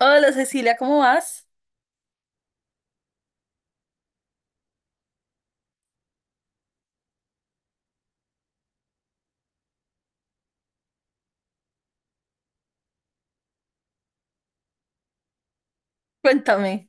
Hola Cecilia, ¿cómo vas? Cuéntame.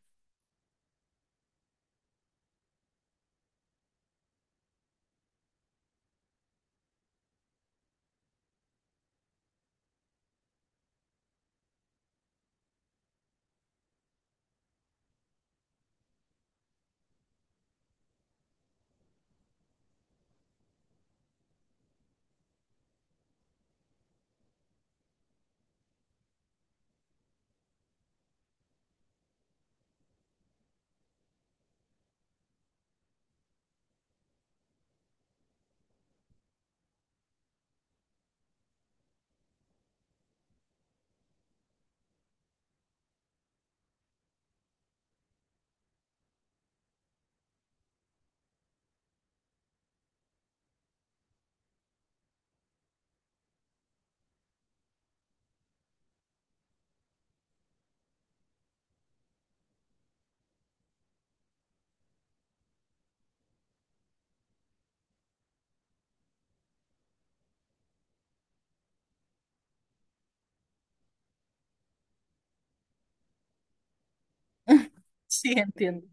Sí, entiendo.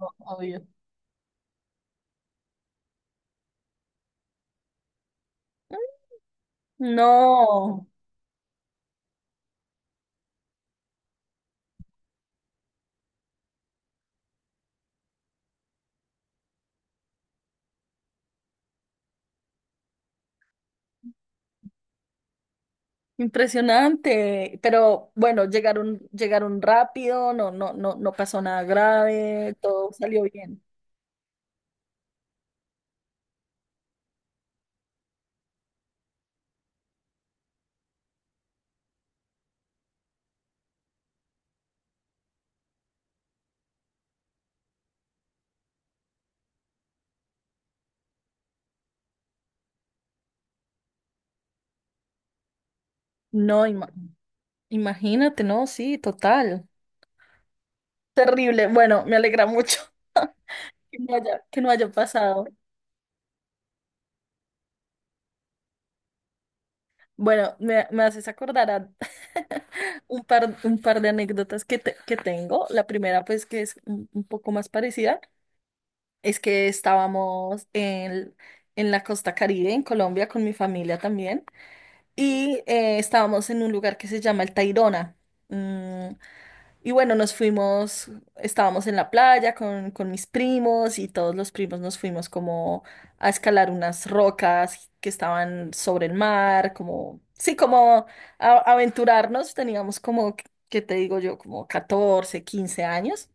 Obvio. No, impresionante. Pero bueno, llegaron, llegaron rápido, no, no, no, no pasó nada grave, todo salió bien. No, imagínate, no, sí, total. Terrible. Bueno, me alegra mucho que no haya pasado. Bueno, me haces acordar a un par de anécdotas que tengo. La primera, pues, que es un poco más parecida. Es que estábamos en la costa Caribe, en Colombia, con mi familia también. Y estábamos en un lugar que se llama El Tayrona. Mm, y bueno, nos fuimos, estábamos en la playa con mis primos y todos los primos nos fuimos como a escalar unas rocas que estaban sobre el mar, como, sí, como aventurarnos. Teníamos como, ¿qué te digo yo? Como 14 15 años.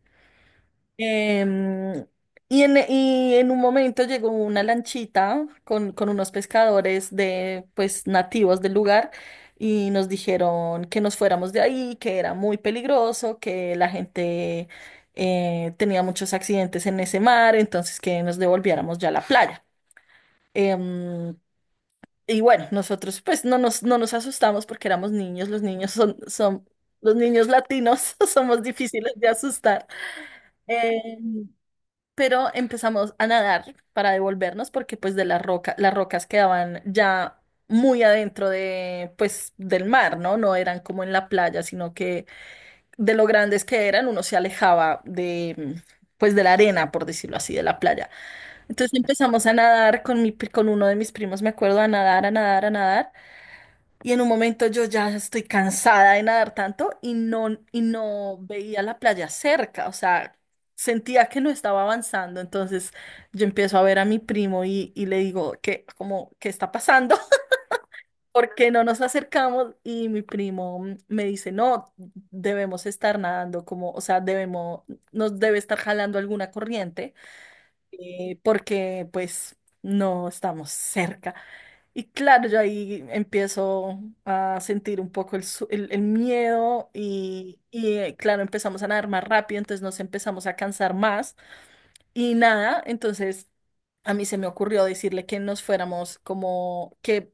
Em, y en un momento llegó una lanchita con unos pescadores pues, nativos del lugar y nos dijeron que nos fuéramos de ahí, que era muy peligroso, que la gente tenía muchos accidentes en ese mar, entonces que nos devolviéramos ya a la playa. Em, y bueno, nosotros pues no nos asustamos porque éramos niños, los niños latinos somos difíciles de asustar. Em, pero empezamos a nadar para devolvernos porque pues las rocas quedaban ya muy adentro de pues del mar, ¿no? No eran como en la playa, sino que de lo grandes que eran uno se alejaba de pues de la arena, por decirlo así, de la playa. Entonces empezamos a nadar con uno de mis primos, me acuerdo, a nadar, a nadar, a nadar. Y en un momento yo ya estoy cansada de nadar tanto y no veía la playa cerca, o sea, sentía que no estaba avanzando. Entonces yo empiezo a ver a mi primo y le digo que, como, ¿qué está pasando? ¿Por qué no nos acercamos? Y mi primo me dice, no, debemos estar nadando, como, o sea, debemos, nos debe estar jalando alguna corriente, porque pues no estamos cerca. Y claro, yo ahí empiezo a sentir un poco el miedo y, claro, empezamos a nadar más rápido, entonces nos empezamos a cansar más y nada, entonces a mí se me ocurrió decirle que nos fuéramos como que,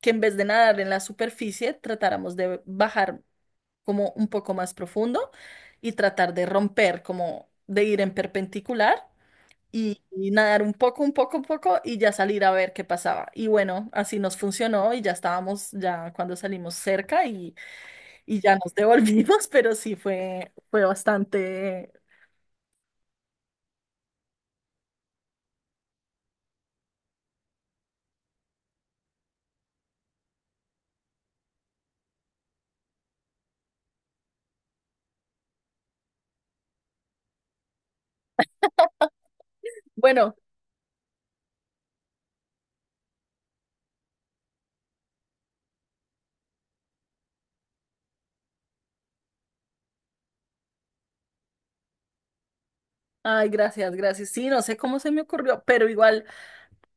que en vez de nadar en la superficie, tratáramos de bajar como un poco más profundo y tratar de romper, como de ir en perpendicular y nadar un poco, un poco, un poco y ya salir a ver qué pasaba. Y bueno, así nos funcionó y ya cuando salimos cerca y ya nos devolvimos, pero sí fue bastante bueno. Ay, gracias, gracias. Sí, no sé cómo se me ocurrió, pero igual.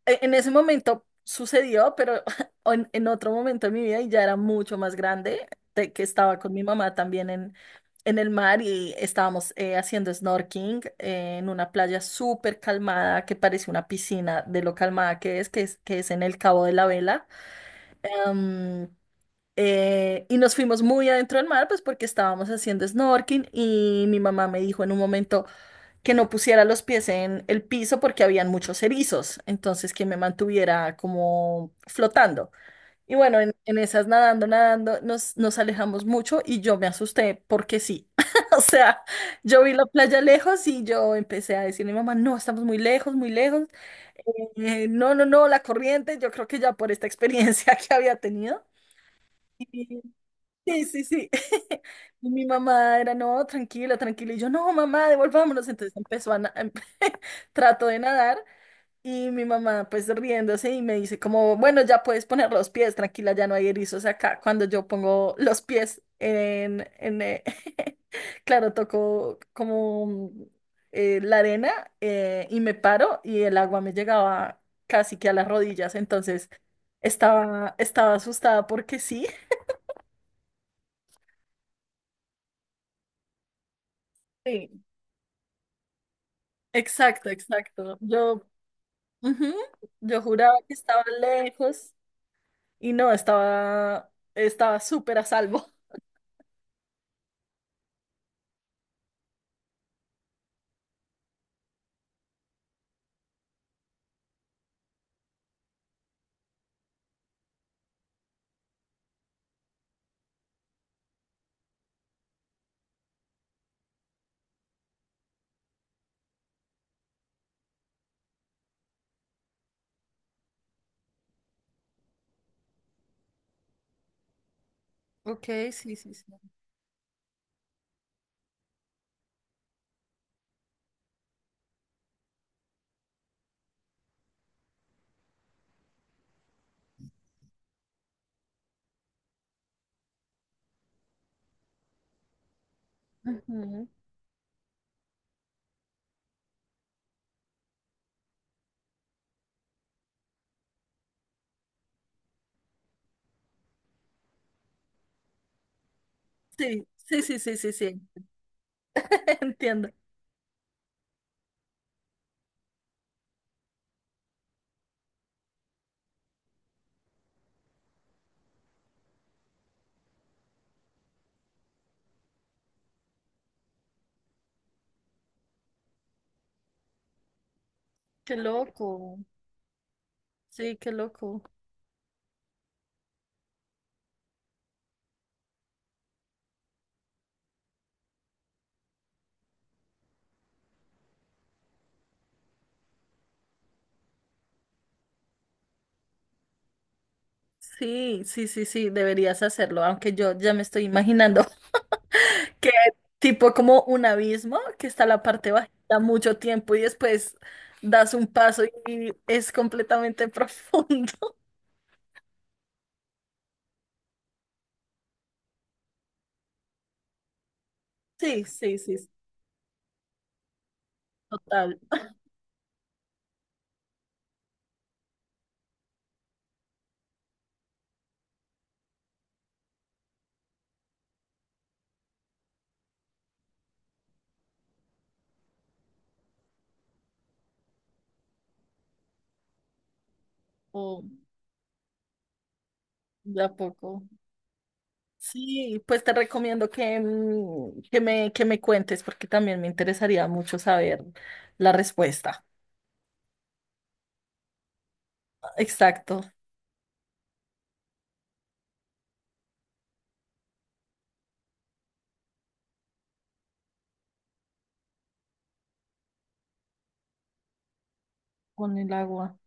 En ese momento sucedió, pero en otro momento de mi vida y ya era mucho más grande, de que estaba con mi mamá también en el mar y estábamos haciendo snorkeling en una playa súper calmada que parece una piscina de lo calmada que es, que es en el Cabo de la Vela. Am, y nos fuimos muy adentro del mar, pues porque estábamos haciendo snorkeling y mi mamá me dijo en un momento que no pusiera los pies en el piso porque habían muchos erizos, entonces que me mantuviera como flotando. Y bueno, en esas nadando, nadando, nos alejamos mucho y yo me asusté porque sí. O sea, yo vi la playa lejos y yo empecé a decirle a mi mamá, no, estamos muy lejos, muy lejos. No, no, no, la corriente, yo creo que ya por esta experiencia que había tenido. Sí, sí, sí. Y mi mamá era, no, tranquila, tranquila. Y yo, no, mamá, devolvámonos. Entonces empezó trato de nadar y mi mamá pues riéndose y me dice como, bueno, ya puedes poner los pies, tranquila, ya no hay erizos acá. Cuando yo pongo los pies en claro, toco como la arena y me paro y el agua me llegaba casi que a las rodillas. Entonces estaba, estaba asustada porque sí. Exacto, exacto. Ujú, yo juraba que estaba lejos y no, estaba súper a salvo. Ok, sí, sí, sí. Ujú. Sí, sí, sí, sí, sí, sí. Entiendo. Qué loco. Sí, qué loco. Sí, sí, sí, sí, deberías hacerlo, aunque yo ya me estoy imaginando que tipo como un abismo que está la parte bajita mucho tiempo y después das un paso y es completamente profundo. Sí, sí, sí, total, o de a poco. Sí, pues te recomiendo que me cuentes porque también me interesaría mucho saber la respuesta. Exacto, con el agua.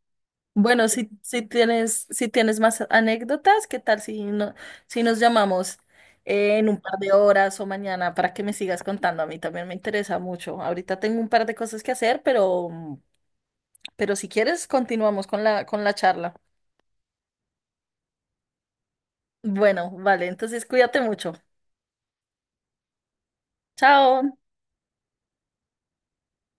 Bueno, si tienes más anécdotas, ¿qué tal no, si nos llamamos en un par de horas o mañana para que me sigas contando? A mí también me interesa mucho. Ahorita tengo un par de cosas que hacer, pero, mm, pero si quieres, continuamos con la, charla. Bueno, vale, entonces cuídate mucho. Chao.